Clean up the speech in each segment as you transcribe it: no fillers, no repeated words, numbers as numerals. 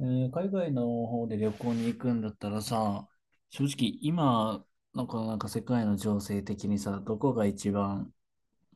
海外の方で旅行に行くんだったらさ、正直今のこのなんか世界の情勢的にさ、どこが一番、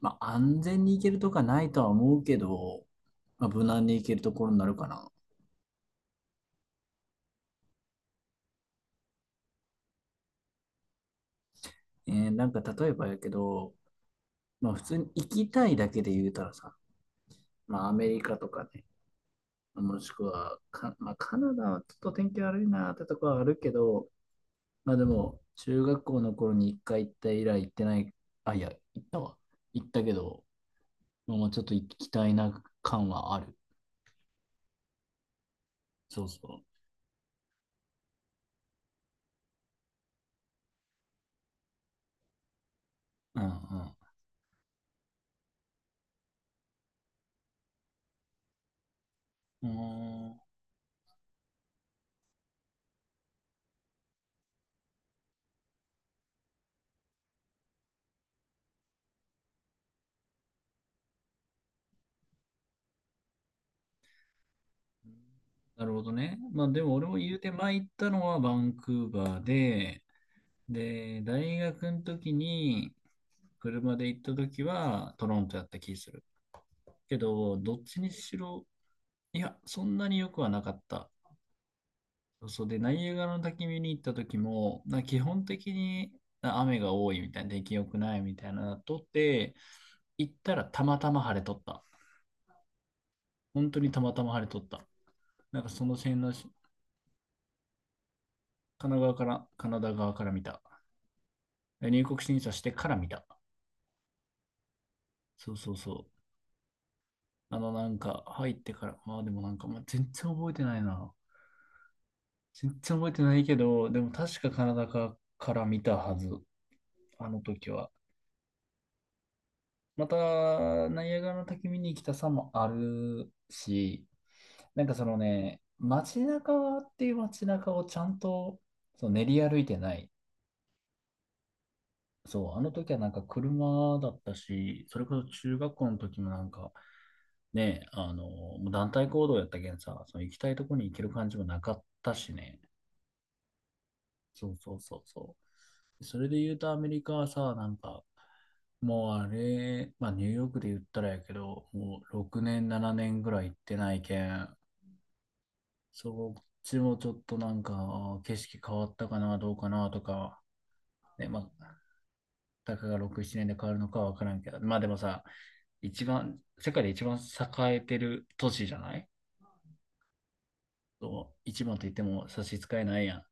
まあ、安全に行けるとかないとは思うけど、まあ、無難に行けるところになるかな。なんか例えばやけど、まあ、普通に行きたいだけで言うたらさ、まあ、アメリカとかね、もしくはか、まあ、カナダはちょっと天気悪いなってとこはあるけど、まあでも中学校の頃に一回行った以来行ってない。あ、いや、行ったわ。行ったけど、のもちょっと行きたいな感はある。そうそう。うんうん。なるほどね。まあでも俺も言うて前行ったのはバンクーバーで、で、大学の時に車で行った時はトロントやった気する。けど、どっちにしろ、いや、そんなに良くはなかった。そうで、ナイアガラの滝見に行った時も、基本的に雨が多いみたいな、出来良くないみたいなのとって、行ったらたまたま晴れとった。本当にたまたま晴れとった。なんかその線の神奈川から、カナダ側から見た。入国審査してから見た。そうそうそう。あのなんか入ってから、まあでもなんか、まあ、全然覚えてないな。全然覚えてないけど、でも確かカナダかから見たはず。あの時は。また、ナイアガラの滝見に来たさもあるし、なんかそのね、街中っていう街中をちゃんとその練り歩いてない。そう、あの時はなんか車だったし、それこそ中学校の時もなんか、ね、あの、もう団体行動やったけんさ、その行きたいとこに行ける感じもなかったしね。そうそうそうそう。それで言うとアメリカはさ、なんか、もうあれ、まあニューヨークで言ったらやけど、もう6年、7年ぐらい行ってないけん、そっちもちょっとなんか、あー景色変わったかな、どうかなとか、ね、まあ、たかが6、7年で変わるのかはわからんけど、まあでもさ、一番、世界で一番栄えてる都市じゃない？そう一番と言っても差し支えないやん。っ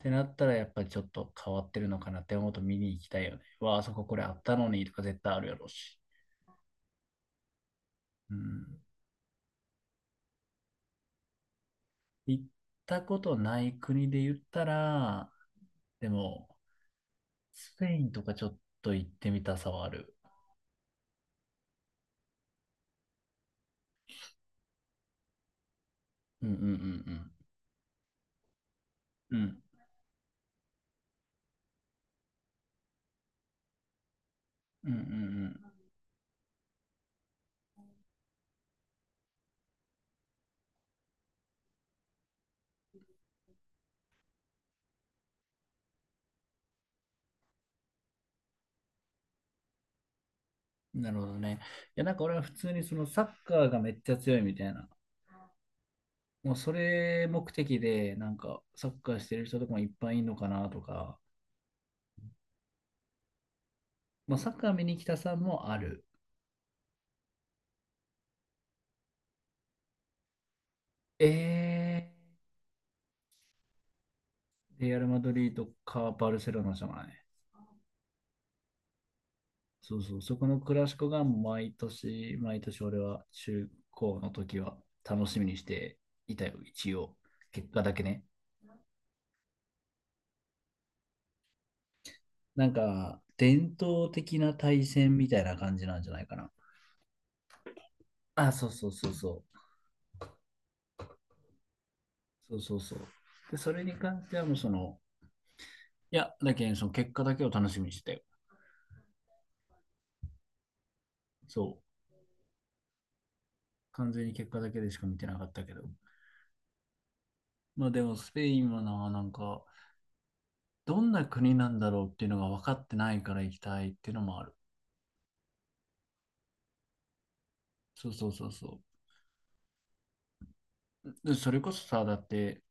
てなったら、やっぱりちょっと変わってるのかなって思うと見に行きたいよね。わあ、あそここれあったのにとか絶対あるやろうし。うん。行ったことない国で言ったら、でも、スペインとかちょっと行ってみたさはある。うんうんうんうん。うん。うんうんうん。なるほどね。いや、なんか俺は普通にそのサッカーがめっちゃ強いみたいな、もうそれ目的で、なんかサッカーしてる人とかもいっぱいいるのかなとか、まあ、サッカー見に来たさんもある。え、レアル・マドリードかバルセロナじゃない？そうそう、そこのクラシコが毎年、毎年俺は中高の時は楽しみにしていたよ、一応。結果だけね。なんか、伝統的な対戦みたいな感じなんじゃないかな。あ、そうそうそうそう。そうそうそう。で、それに関してはもうその、いや、だけど、その結果だけを楽しみにしてたよ。そう。完全に結果だけでしか見てなかったけど。まあでも、スペインはな、なんか、どんな国なんだろうっていうのが分かってないから行きたいっていうのもある。そうそうそうそう。でそれこそさ、だって、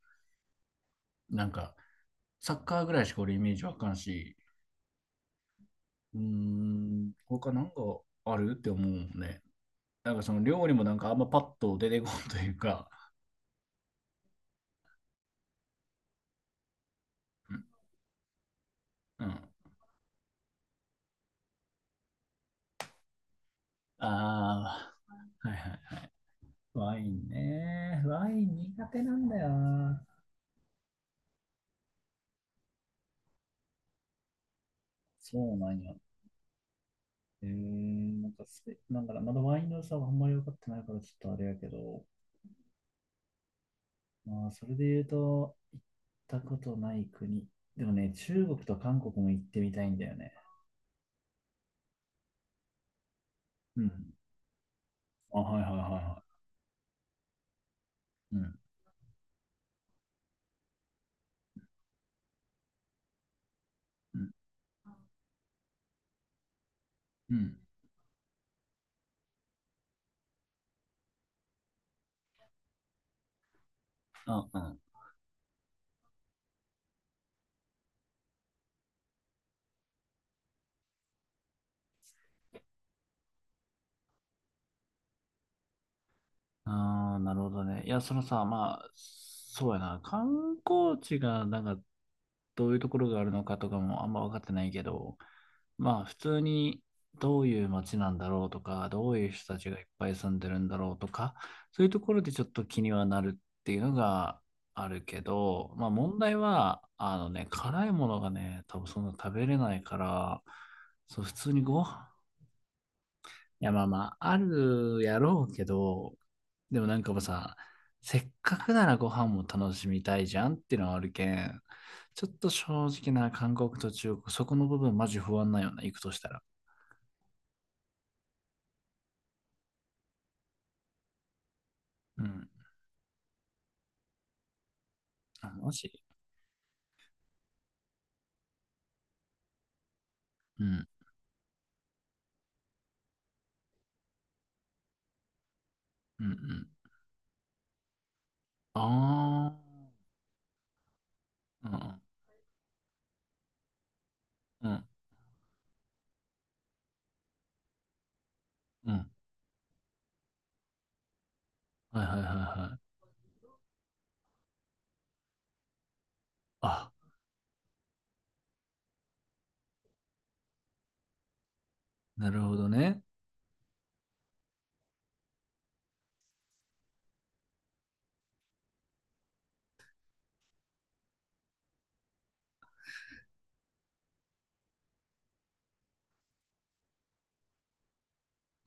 なんか、サッカーぐらいしか俺イメージわかんし、うーん、他なんかあるって思うもんね。なんかその料理もなんかあんまパッと出てこんというか、うん、うんああ、はいはい。ワインね。ワイン苦手なんだよな。そうなんや。なんかスペ、なんかまだワインの良さはあんまり分かってないからちょっとあれやけど、まあ、それで言うと、行ったことない国。でもね、中国と韓国も行ってみたいんだよね。うん。あ、はいはいはいはい。うん。うん。うん。あ、うん。ああ、なるほどね。いや、そのさ、まあ、そうやな。観光地が、なんか、どういうところがあるのかとかもあんま分かってないけど、まあ、普通にどういう街なんだろうとか、どういう人たちがいっぱい住んでるんだろうとか、そういうところでちょっと気にはなるっていうのがあるけど、まあ、問題は、あのね、辛いものがね、多分そんな食べれないから、そう、普通にご飯。いや、まあまあ、あるやろうけど、でもなんかもうさ、せっかくならご飯も楽しみたいじゃんっていうのはあるけん、ちょっと正直な韓国と中国、そこの部分マジ不安なんよな、行くとしたら。うん。あ、マジ。うん。うんうん。ああ。うんうんうん。はいはいはいはい。あ、なるほどね。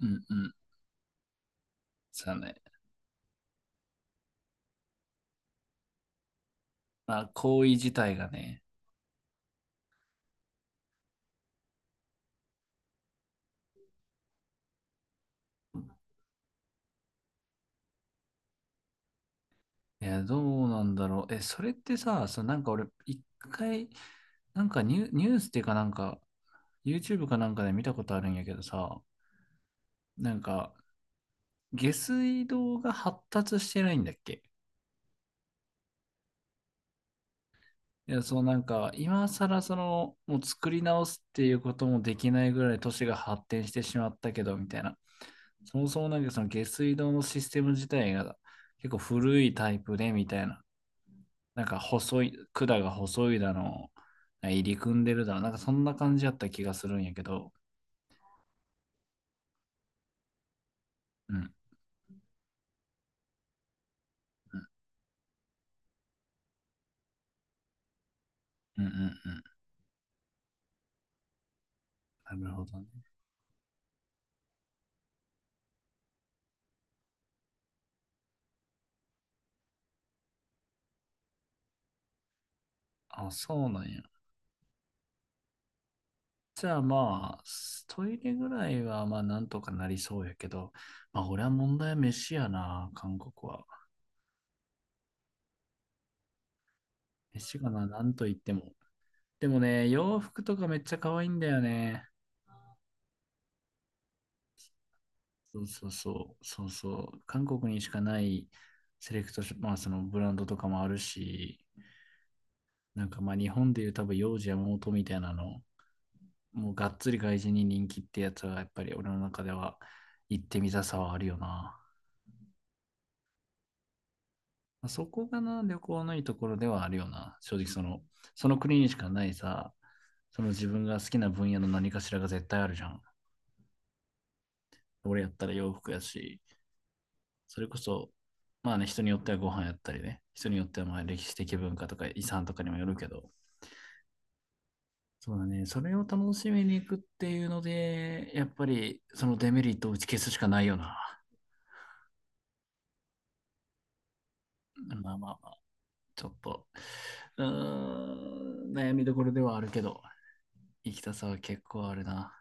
うんうん。そうだね。まあ、行為自体がね、いや、どうなんだろう。え、それってさ、そのなんか俺、一回、なんかニュースっていうかなんか、YouTube かなんかで見たことあるんやけどさ、なんか、下水道が発達してないんだっけ？いや、そうなんか、今更その、もう作り直すっていうこともできないぐらい都市が発展してしまったけど、みたいな。そもそもなんかその下水道のシステム自体が結構古いタイプで、みたいな。なんか細い、管が細いだの、入り組んでるだの、なんかそんな感じやった気がするんやけど、うん、うん、うん、うん、うん。なるほどね。あ、そうなんや。じゃあまあ、トイレぐらいはまあなんとかなりそうやけど、まあ俺は問題は飯やな、韓国は。飯がな、なんと言っても。でもね、洋服とかめっちゃ可愛いんだよね。そうそうそう、そうそう。韓国にしかないセレクトショ、まあそのブランドとかもあるし、なんかまあ日本でいう多分幼児山本みたいなの、もうがっつり外人に人気ってやつはやっぱり俺の中では行ってみたさはあるよな。まあそこがな、旅行のいいところではあるよな。正直その、その国にしかないさ、その自分が好きな分野の何かしらが絶対あるじゃん。俺やったら洋服やし、それこそ、まあね、人によってはご飯やったりね、人によってはまあ歴史的文化とか遺産とかにもよるけど、そうだね。それを楽しみに行くっていうので、やっぱりそのデメリットを打ち消すしかないよな。まあまあまあ、ちょっと、うーん、悩みどころではあるけど、行きたさは結構あるな。